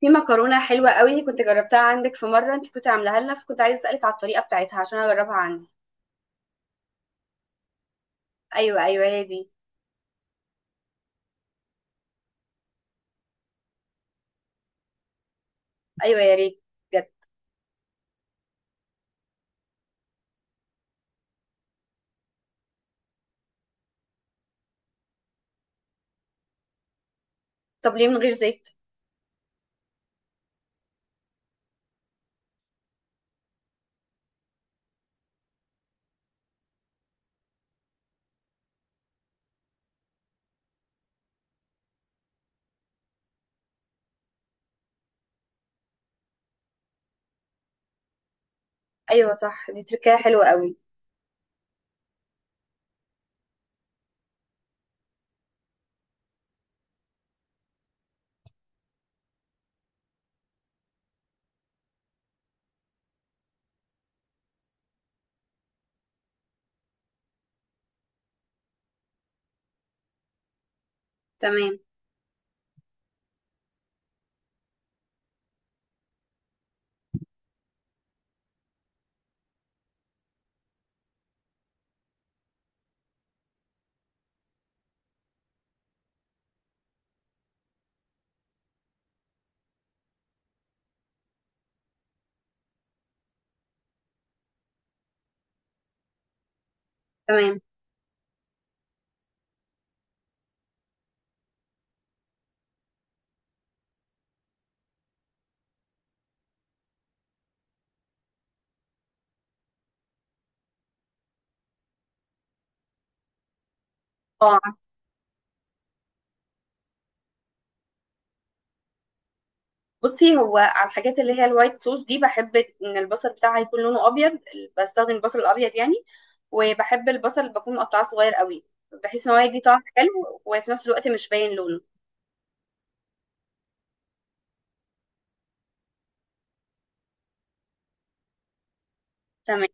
في مكرونه حلوه قوي كنت جربتها عندك في مره، انت كنت عاملاها لنا، فكنت عايزه اسالك على الطريقه بتاعتها عشان اجربها عندي. ايوه ايوه هي دي. ايوه يا ريت. بجد. طب ليه من غير زيت؟ ايوه صح، دي تركية حلوه قوي. تمام. تمام. اه، بصي، هو على الحاجات اللي هي الوايت صوص دي، بحب ان البصل بتاعها يكون لونه ابيض. بستخدم البصل الابيض يعني. وبحب البصل اللي بكون مقطعاه صغير قوي، بحيث ان هو يدي طعم حلو وفي نفس الوقت مش باين لونه. تمام.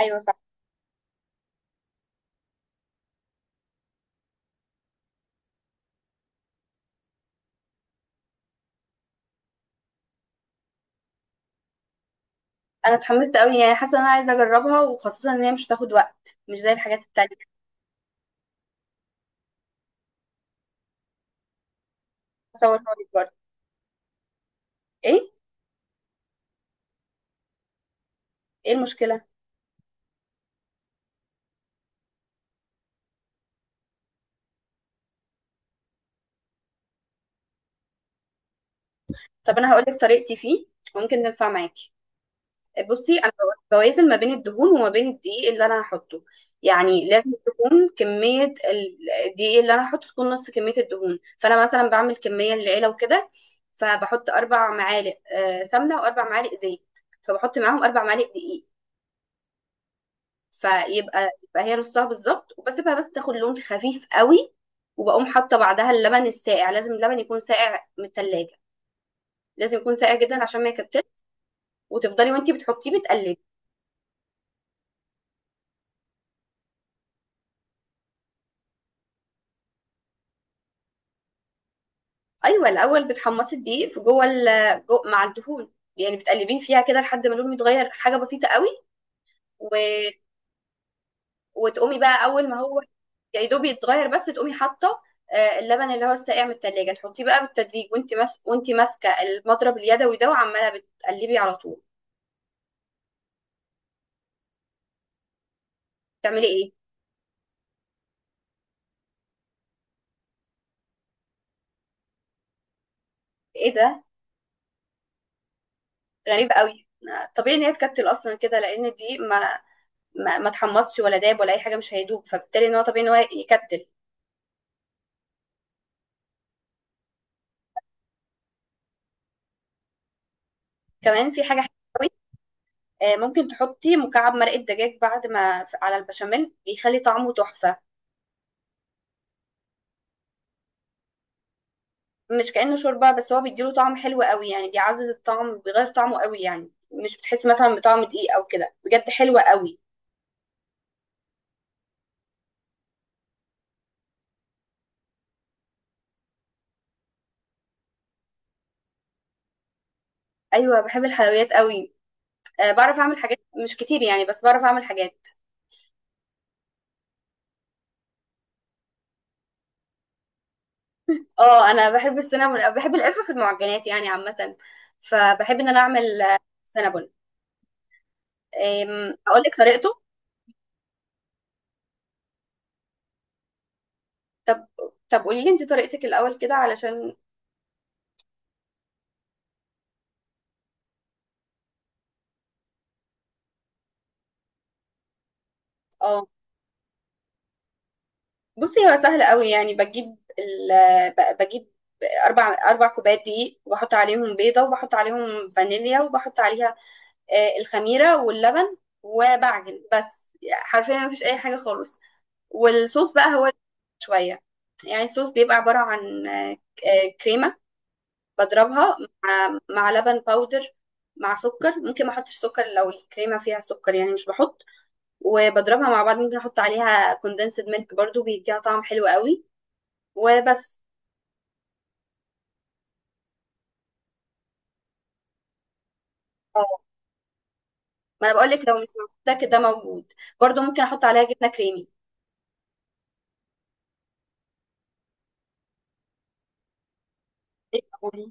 ايوه صح. انا اتحمست قوي، يعني حاسه ان انا عايزه اجربها، وخاصه ان هي مش هتاخد وقت مش زي الحاجات التانية. هصور صورك برضه. ايه؟ ايه المشكله؟ طب انا هقول لك طريقتي فيه، ممكن تنفع معاكي. بصي انا بوازن ما بين الدهون وما بين الدقيق اللي انا هحطه. يعني لازم تكون كميه الدقيق اللي انا هحطه تكون نص كميه الدهون. فانا مثلا بعمل كميه للعيله وكده، فبحط اربع معالق سمنه واربع معالق زيت، فبحط معاهم اربع معالق دقيق. فيبقى، يبقى هي نصها بالظبط، وبسيبها بس تاخد لون خفيف قوي. وبقوم حاطه بعدها اللبن الساقع، لازم اللبن يكون ساقع من التلاجة، لازم يكون ساقع جدا عشان ما يكتلش. وتفضلي وانتي بتحطيه بتقلبي. ايوه، الاول بتحمصي الدقيق في جوه جو مع الدهون، يعني بتقلبيه فيها كده لحد ما لونه يتغير حاجه بسيطه قوي. و... وتقومي بقى اول ما هو يا دوب يتغير بس تقومي حاطه اللبن اللي هو الساقع من التلاجة، تحطيه بقى بالتدريج، وانتي ماسكه المضرب اليدوي ده وعماله بتقلبي على طول. بتعملي ايه؟ ايه ده؟ غريب قوي. طبيعي ان هي تكتل اصلا كده، لان دي ما ما اتحمصش ولا داب ولا اي حاجه، مش هيدوب، فبالتالي ان هو طبيعي ان هو يكتل. كمان في حاجه حلوه قوي. ممكن تحطي مكعب مرقه دجاج بعد ما على البشاميل، بيخلي طعمه تحفه. مش كأنه شوربه، بس هو بيديله طعم حلو قوي، يعني بيعزز الطعم، بيغير طعمه قوي يعني. مش بتحسي مثلا بطعم دقيق او كده. بجد حلوه قوي. ايوه بحب الحلويات قوي. بعرف اعمل حاجات، مش كتير يعني، بس بعرف اعمل حاجات. اه انا بحب السينابون، بحب القرفه في المعجنات يعني عامه. فبحب ان انا اعمل سينابون. اقول لك طريقته. طب طب قولي لي انت طريقتك الاول كده علشان. اه بصي، هو سهل قوي. يعني بجيب بجيب اربع كوبايات دقيق، وبحط عليهم بيضه، وبحط عليهم فانيليا، وبحط عليها الخميره واللبن، وبعجن بس. حرفيا مفيش اي حاجه خالص. والصوص بقى هو شويه، يعني الصوص بيبقى عباره عن كريمه بضربها مع لبن باودر مع سكر. ممكن ما احطش سكر لو الكريمه فيها سكر، يعني مش بحط. وبضربها مع بعض. ممكن احط عليها كوندنسد ميلك برضو، بيديها طعم حلو قوي. وبس. اه، ما انا بقول لك لو مش موجود ده، كده موجود. برضو ممكن احط عليها جبنه كريمي. إيه تقولي؟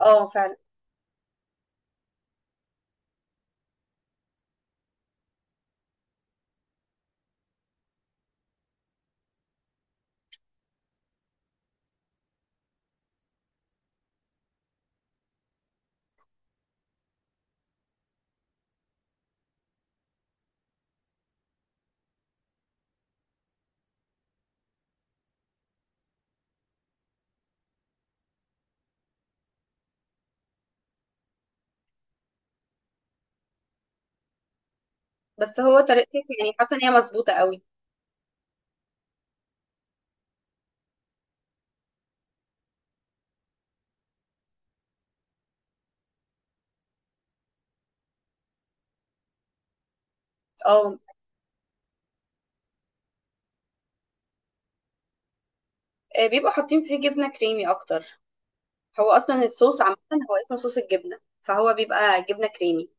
اه فعلا. بس هو طريقتك، يعني حاسه ان هي مظبوطه قوي. اه. بيبقوا حاطين فيه جبنه كريمي اكتر. هو اصلا الصوص عامه، هو اسمه صوص الجبنه، فهو بيبقى جبنه كريمي.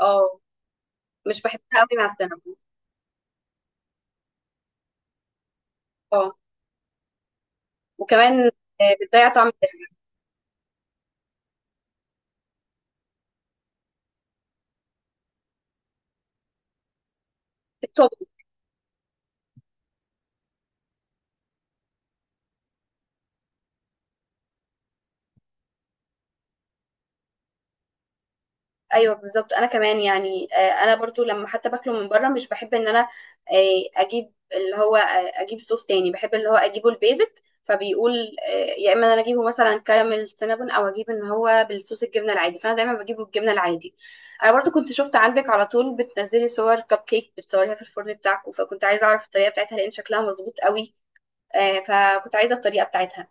اه مش بحبها قوي مع السينابون. اه وكمان بتضيع طعم الأكل. التوبينج. ايوه بالظبط، انا كمان يعني انا برضو لما حتى باكله من بره، مش بحب ان انا آه، اجيب اللي هو آه، اجيب صوص تاني. بحب اللي هو اجيبه البيزك، فبيقول آه، يا اما انا اجيبه مثلا كراميل سينابون، او اجيب ان هو بالصوص الجبنه العادي، فانا دايما بجيبه الجبنه العادي. انا برضو كنت شفت عندك على طول بتنزلي صور كب كيك بتصوريها في الفرن بتاعك، فكنت عايزه اعرف الطريقه بتاعتها، لان شكلها مظبوط قوي. فكنت عايزه الطريقه بتاعتها.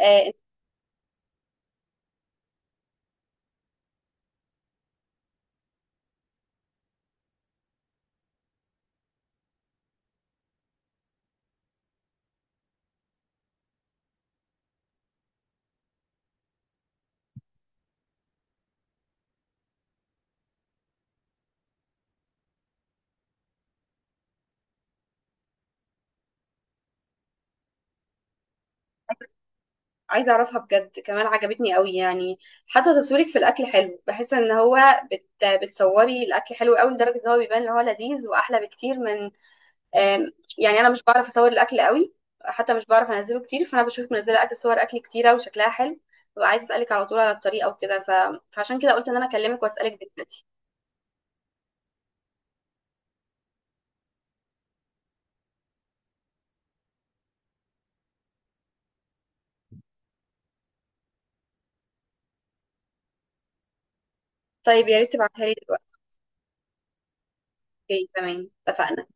آه، عايزة أعرفها بجد، كمان عجبتني قوي يعني. حتى تصويرك في الأكل حلو، بحس إن هو بت... بتصوري الأكل حلو قوي، لدرجة إن هو بيبان إن هو لذيذ وأحلى بكتير من آم، يعني أنا مش بعرف أصور الأكل قوي، حتى مش بعرف أنزله كتير. فأنا بشوفك منزلة أكل، صور أكل كتيرة وشكلها حلو، ببقى عايزة أسألك على طول على الطريقة وكده، فعشان كده قلت إن أنا أكلمك وأسألك دلوقتي. طيب يا ريت تبعتها لي دلوقتي. أوكي تمام، اتفقنا.